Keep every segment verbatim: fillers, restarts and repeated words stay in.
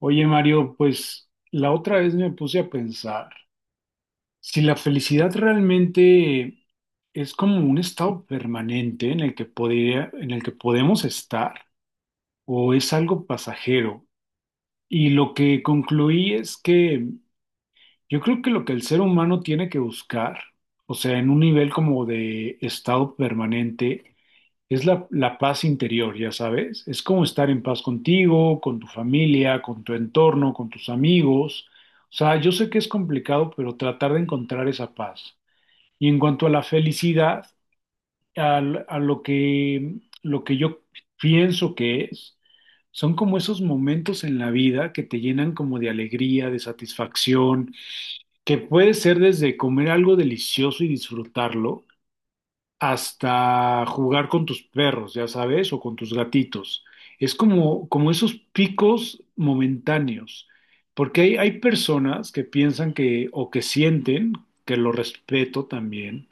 Oye, Mario, pues la otra vez me puse a pensar, si la felicidad realmente es como un estado permanente en el que podría- en el que podemos estar, o es algo pasajero. Y lo que concluí es que yo creo que lo que el ser humano tiene que buscar, o sea, en un nivel como de estado permanente, es la, la paz interior, ya sabes. Es como estar en paz contigo, con tu familia, con tu entorno, con tus amigos. O sea, yo sé que es complicado, pero tratar de encontrar esa paz. Y en cuanto a la felicidad, al- a, lo que, lo que yo pienso que es, son como esos momentos en la vida que te llenan como de alegría, de satisfacción, que puede ser desde comer algo delicioso y disfrutarlo hasta jugar con tus perros, ya sabes, o con tus gatitos. Es como, como esos picos momentáneos, porque hay, hay personas que piensan que, o que sienten, que lo respeto también,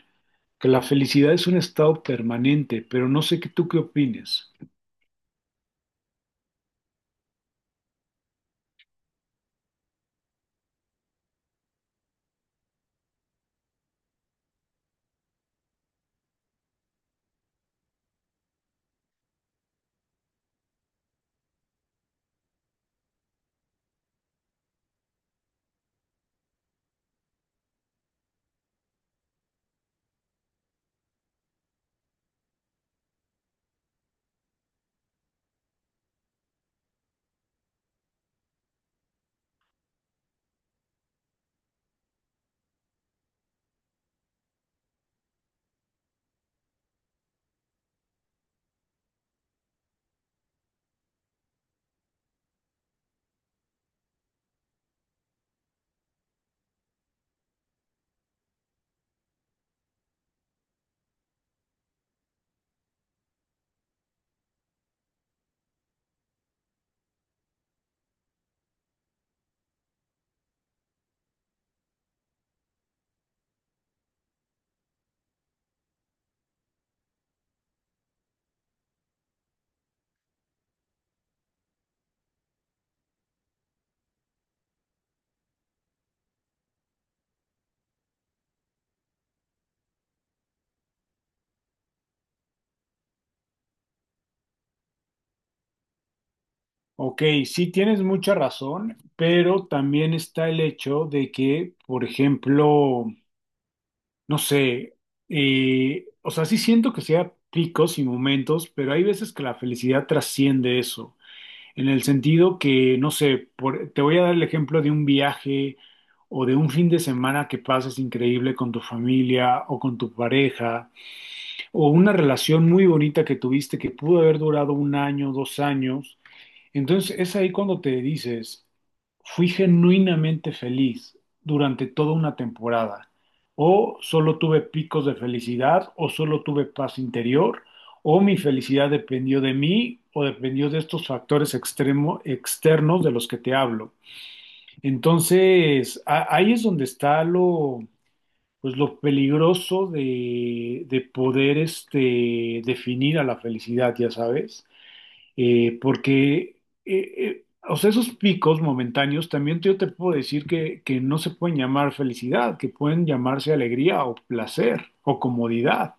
que la felicidad es un estado permanente, pero no sé qué tú qué opines. Ok, sí tienes mucha razón, pero también está el hecho de que, por ejemplo, no sé, eh, o sea, sí siento que sea picos y momentos, pero hay veces que la felicidad trasciende eso, en el sentido que, no sé, por- te voy a dar el ejemplo de un viaje o de un fin de semana que pases increíble con tu familia o con tu pareja, o una relación muy bonita que tuviste que pudo haber durado un año, dos años. Entonces es ahí cuando te dices, fui genuinamente feliz durante toda una temporada, o solo tuve picos de felicidad, o solo tuve paz interior, o mi felicidad dependió de mí, o dependió de estos factores extremo- externos de los que te hablo. Entonces a- ahí es donde está lo, pues lo peligroso de, de poder este, definir a la felicidad, ya sabes, eh, porque eh, eh, o sea, esos picos momentáneos también yo te puedo decir que, que no se pueden llamar felicidad, que pueden llamarse alegría o placer o comodidad,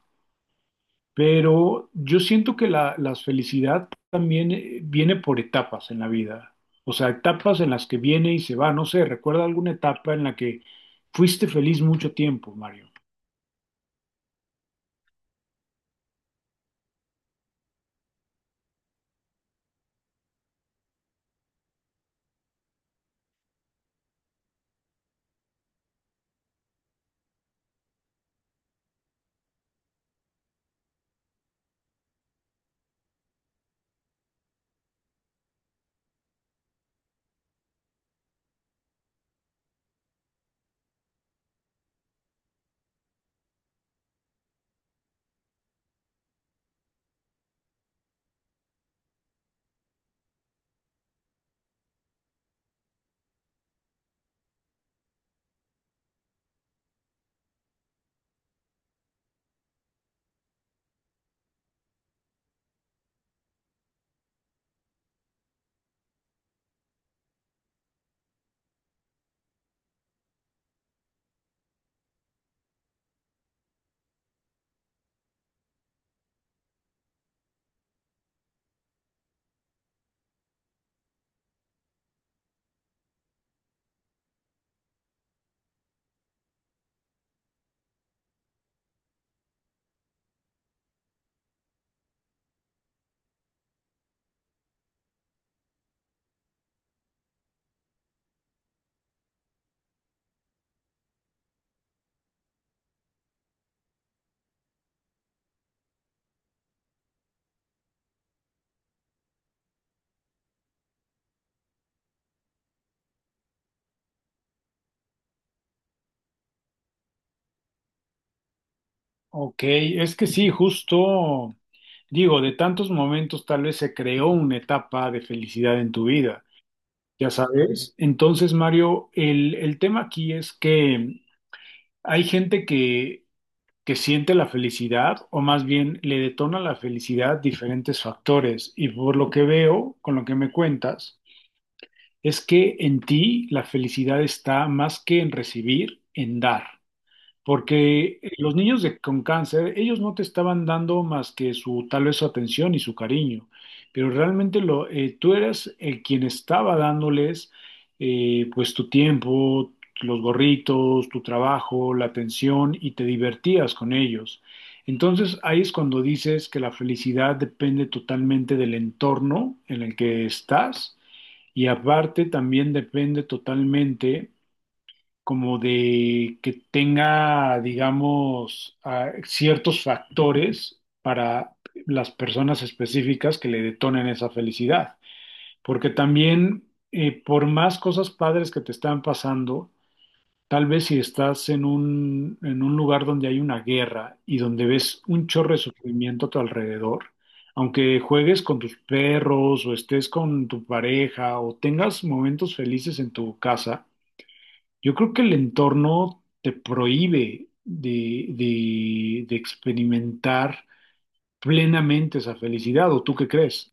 pero yo siento que la, la felicidad también eh, viene por etapas en la vida, o sea, etapas en las que viene y se va, no sé, recuerda alguna etapa en la que fuiste feliz mucho tiempo, Mario. Ok, es que sí, justo digo, de tantos momentos tal vez se creó una etapa de felicidad en tu vida. Ya sabes. Entonces, Mario, el, el tema aquí es que hay gente que, que siente la felicidad o más bien le detona la felicidad diferentes factores. Y por lo que veo, con lo que me cuentas, es que en ti la felicidad está más que en recibir, en dar. Porque eh, los niños de- con cáncer, ellos no te estaban dando más que su tal vez su atención y su cariño, pero realmente lo, eh, tú eras el quien estaba dándoles eh, pues tu tiempo, los gorritos, tu trabajo, la atención y te divertías con ellos. Entonces ahí es cuando dices que la felicidad depende totalmente del entorno en el que estás y aparte también depende totalmente como de que tenga, digamos, ah, ciertos factores para las personas específicas que le detonen esa felicidad. Porque también, eh, por más cosas padres que te están pasando, tal vez si estás en un, en un lugar donde hay una guerra y donde ves un chorro de sufrimiento a tu alrededor, aunque juegues con tus perros o estés con tu pareja o tengas momentos felices en tu casa, yo creo que el entorno te prohíbe de, de- de experimentar plenamente esa felicidad, ¿o tú qué crees?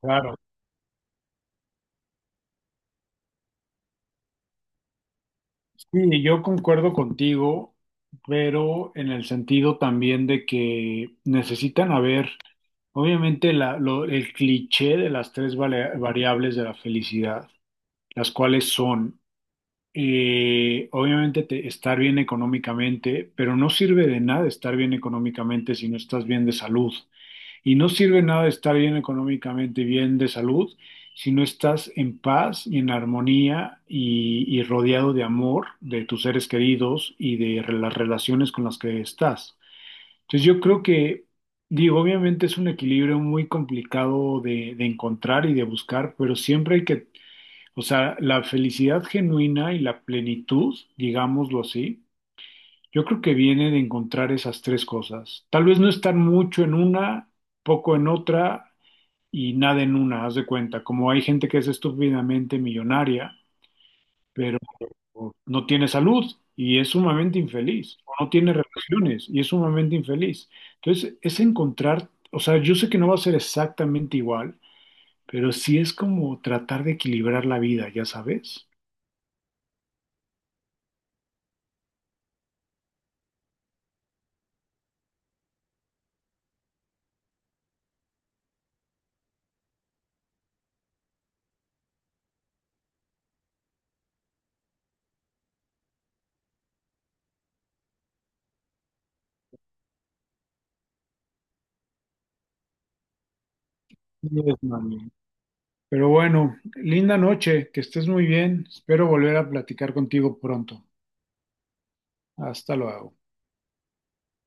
Claro. Sí, yo concuerdo contigo, pero en el sentido también de que necesitan haber, obviamente, la- lo- el cliché de las tres vale- variables de la felicidad, las cuales son, eh, obviamente, te- estar bien económicamente, pero no sirve de nada estar bien económicamente si no estás bien de salud. Y no sirve nada estar bien económicamente, bien de salud, si no estás en paz y en armonía y, y rodeado de amor de tus seres queridos y de re- las relaciones con las que estás. Entonces yo creo que, digo, obviamente es un equilibrio muy complicado de, de encontrar y de buscar, pero siempre hay que, o sea, la felicidad genuina y la plenitud, digámoslo así, yo creo que viene de encontrar esas tres cosas. Tal vez no estar mucho en una poco en otra y nada en una, haz de cuenta. Como hay gente que es estúpidamente millonaria, pero no tiene salud y es sumamente infeliz, o no tiene relaciones y es sumamente infeliz. Entonces, es encontrar, o sea, yo sé que no va a ser exactamente igual, pero sí es como tratar de equilibrar la vida, ya sabes. Sí, es, mami. Pero bueno, linda noche, que estés muy bien. Espero volver a platicar contigo pronto. Hasta luego.